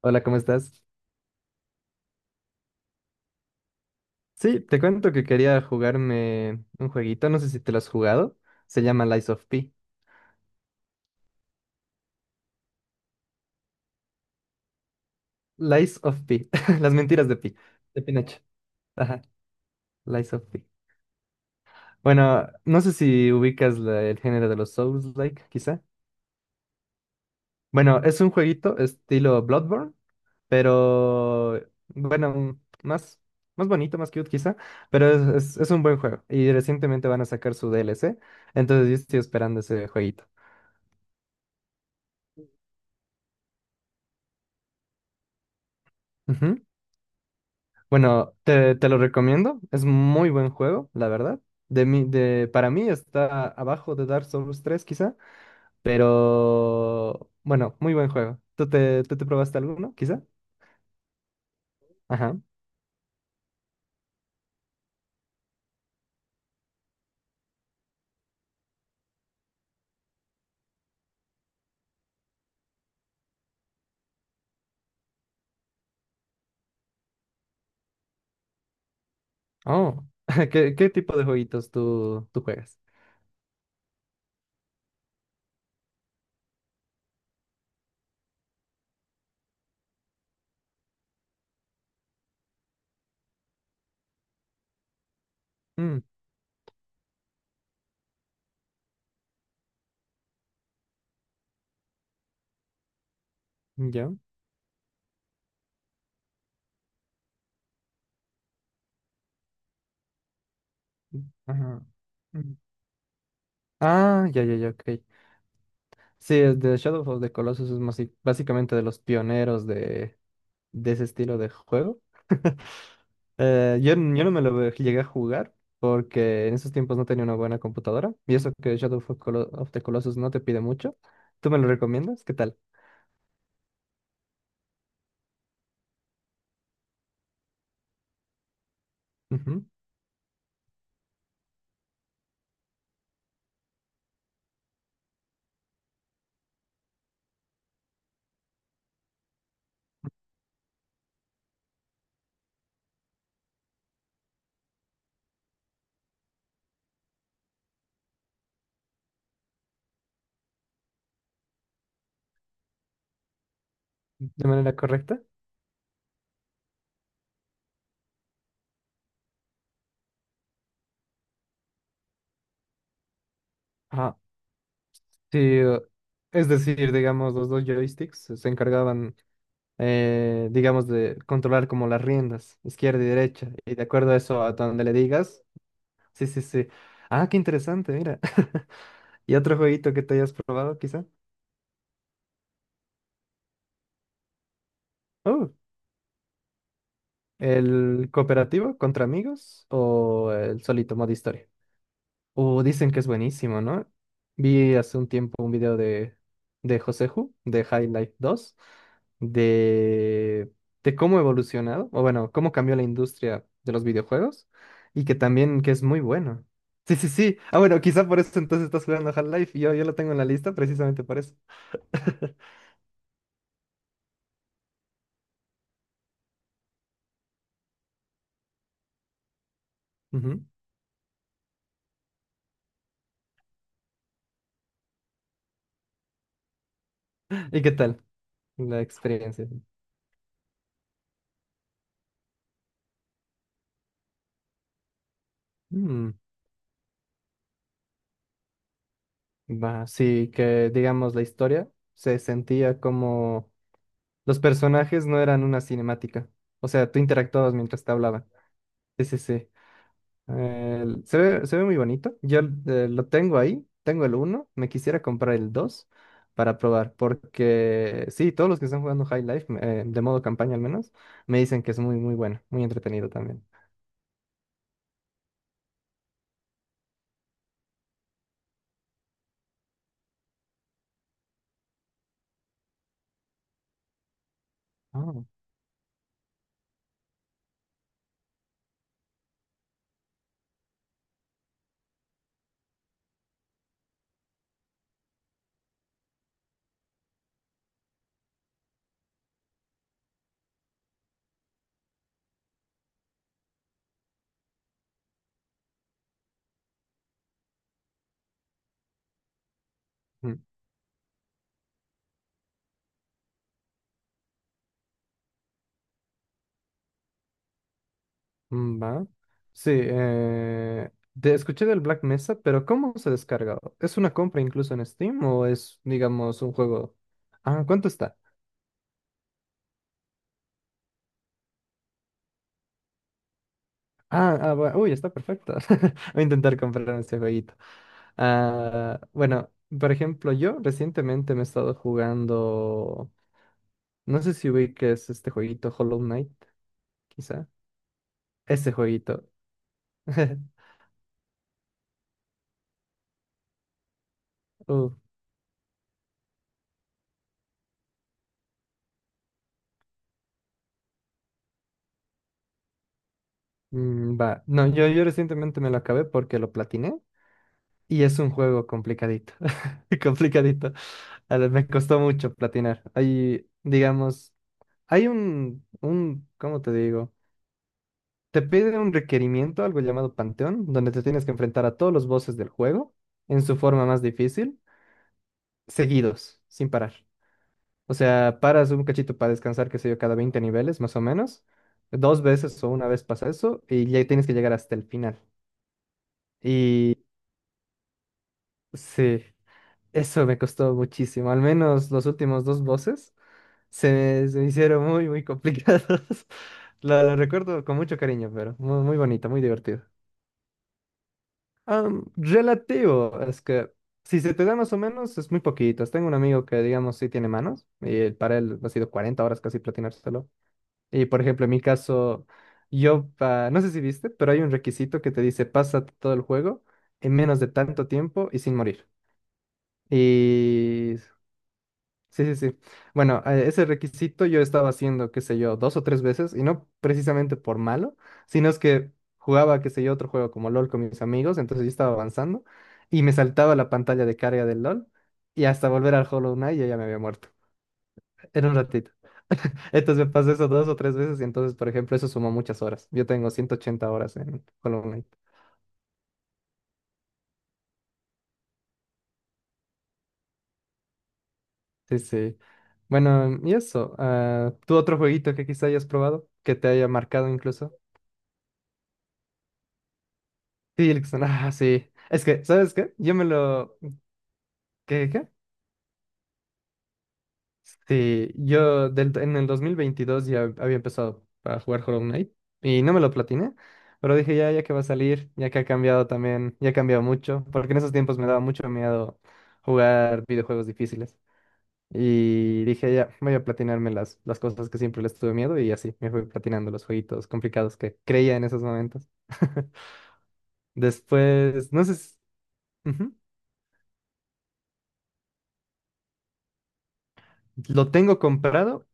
Hola, ¿cómo estás? Sí, te cuento que quería jugarme un jueguito, no sé si te lo has jugado. Se llama Lies of P. Lies of P. Las mentiras de P. De Pinocho. Ajá, Lies of P. Bueno, no sé si ubicas el género de los Souls-like, quizá. Bueno, es un jueguito estilo Bloodborne, pero bueno, más, más bonito, más cute quizá, pero es un buen juego. Y recientemente van a sacar su DLC, entonces yo estoy esperando ese jueguito. Bueno, te lo recomiendo. Es muy buen juego, la verdad. Para mí está abajo de Dark Souls tres, quizá. Pero bueno, muy buen juego. ¿Tú te probaste alguno, quizá? Ajá. Oh, ¿qué tipo de jueguitos tú juegas? Mm, ¿yo? Ajá. Mm. Ah, ya, ya, ya, ok. Sí, es de Shadow of the Colossus. Sí, básicamente de los pioneros de ese estilo de juego. Yo no me lo llegué a jugar porque en esos tiempos no tenía una buena computadora. Y eso que Shadow of the Colossus no te pide mucho. ¿Tú me lo recomiendas? ¿Qué tal? Ujú. ¿De manera correcta? Ah, sí. Es decir, digamos, los dos joysticks se encargaban, digamos, de controlar como las riendas, izquierda y derecha. Y de acuerdo a eso, a donde le digas. Sí, sí, sí. Ah, qué interesante, mira. ¿Y otro jueguito que te hayas probado, quizá? Oh, ¿el cooperativo contra amigos o el solito modo historia? Dicen que es buenísimo, ¿no? Vi hace un tiempo un video de Joseju, de High Life dos, de, de cómo ha evolucionado, o bueno, cómo cambió la industria de los videojuegos, y que también que es muy bueno. Sí, sí, sí. Ah, bueno, quizá por eso entonces estás jugando Half-Life. Yo lo tengo en la lista precisamente por eso. Ujú. ¿Y qué tal la experiencia? Mm. Va, sí, que digamos la historia se sentía como los personajes no eran una cinemática. O sea, tú interactuabas mientras te hablaban. Sí, sí, sí. Se ve muy bonito. Yo lo tengo ahí, tengo el uno, me quisiera comprar el 2 para probar, porque sí, todos los que están jugando High Life, de modo campaña al menos, me dicen que es muy, muy bueno, muy entretenido también. Ah. Mm. Mm, va. Sí, te escuché del Black Mesa, pero ¿cómo se descarga? ¿Es una compra incluso en Steam o es, digamos, un juego? Ah, ¿cuánto está? Ah, ah, uy, está perfecto. Voy a intentar comprar este jueguito. Ah, bueno, por ejemplo, yo recientemente me he estado jugando. No sé si ubiques este jueguito, Hollow Knight, quizá. Ese jueguito. Uh, mm, va. No, yo recientemente me lo acabé porque lo platiné. Y es un juego complicadito, complicadito. A ver, me costó mucho platinar. Hay, digamos, hay ¿cómo te digo? Te pide un requerimiento, algo llamado Panteón, donde te tienes que enfrentar a todos los bosses del juego en su forma más difícil, seguidos, sin parar. O sea, paras un cachito para descansar, qué sé yo, cada 20 niveles, más o menos. Dos veces o una vez pasa eso y ya tienes que llegar hasta el final. Y sí, eso me costó muchísimo, al menos los últimos dos bosses. Se me hicieron muy, muy complicados. Lo recuerdo con mucho cariño, pero muy, muy bonito, muy divertido. Relativo, es que si se te da más o menos, es muy poquito. Tengo un amigo que, digamos, sí tiene manos, y para él ha sido 40 horas casi platinárselo. Y, por ejemplo, en mi caso, no sé si viste, pero hay un requisito que te dice, pasa todo el juego en menos de tanto tiempo y sin morir. Y sí, sí, sí. Bueno, ese requisito yo estaba haciendo, qué sé yo, dos o tres veces, y no precisamente por malo, sino es que jugaba, qué sé yo, otro juego como LOL con mis amigos, entonces yo estaba avanzando y me saltaba la pantalla de carga del LOL y hasta volver al Hollow Knight yo ya me había muerto en un ratito. Entonces me pasó eso dos o tres veces y entonces, por ejemplo, eso sumó muchas horas. Yo tengo 180 horas en Hollow Knight. Sí, sí. Bueno, y eso, ah, ¿tú otro jueguito que quizá hayas probado, que te haya marcado incluso? Sí, Erickson, ah, sí. Es que, ¿sabes qué? Yo me lo... ¿Qué? Sí, yo en el 2022 ya había empezado a jugar Hollow Knight y no me lo platiné, pero dije ya, ya que va a salir, ya que ha cambiado también, ya ha cambiado mucho, porque en esos tiempos me daba mucho miedo jugar videojuegos difíciles. Y dije ya, voy a platinarme las cosas que siempre les tuve miedo y así me fui platinando los jueguitos complicados que creía en esos momentos. Después, no sé si... Ujú. Lo tengo comprado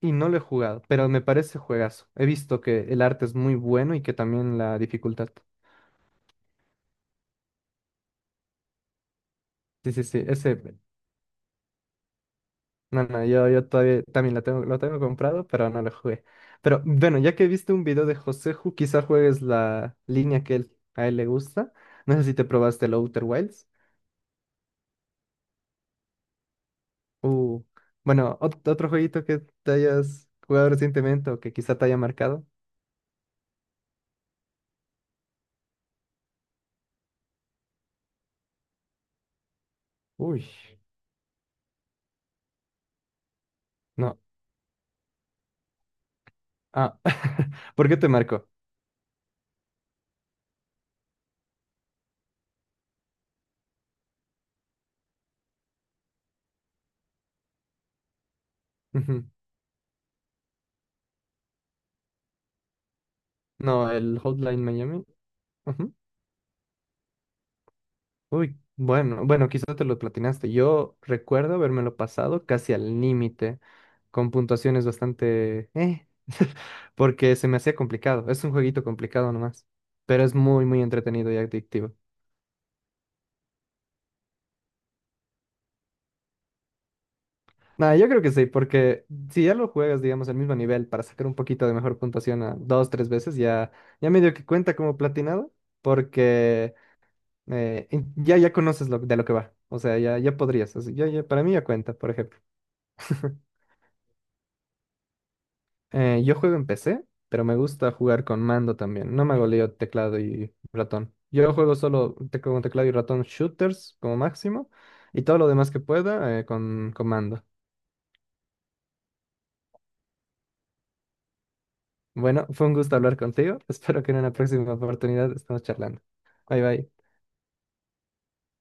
y no lo he jugado, pero me parece juegazo. He visto que el arte es muy bueno y que también la dificultad. Sí, sí, sí. Ese, no, no, yo todavía también lo tengo comprado, pero no lo jugué. Pero bueno, ya que viste un video de José quizá juegues la línea que a él le gusta. No sé si te probaste el Outer Wilds. Uh, bueno, otro jueguito que te hayas jugado recientemente o que quizá te haya marcado. Uy, no. Ah, ¿por qué te marcó? Ujú. No, el Hotline Miami. Ujú. Uy, bueno, bueno, quizás te lo platinaste. Yo recuerdo habérmelo pasado casi al límite, con puntuaciones bastante porque se me hacía complicado. Es un jueguito complicado nomás, pero es muy, muy entretenido y adictivo. Nada, yo creo que sí, porque si ya lo juegas, digamos, al mismo nivel para sacar un poquito de mejor puntuación a dos, tres veces, ya, ya medio que cuenta como platinado, porque ya conoces de lo que va. O sea, ya podrías. Así, para mí ya cuenta, por ejemplo. Yo juego en PC, pero me gusta jugar con mando también. No me goleo teclado y ratón. Yo juego solo con teclado y ratón shooters como máximo y todo lo demás que pueda con mando. Bueno, fue un gusto hablar contigo. Espero que en una próxima oportunidad estemos charlando. Bye bye.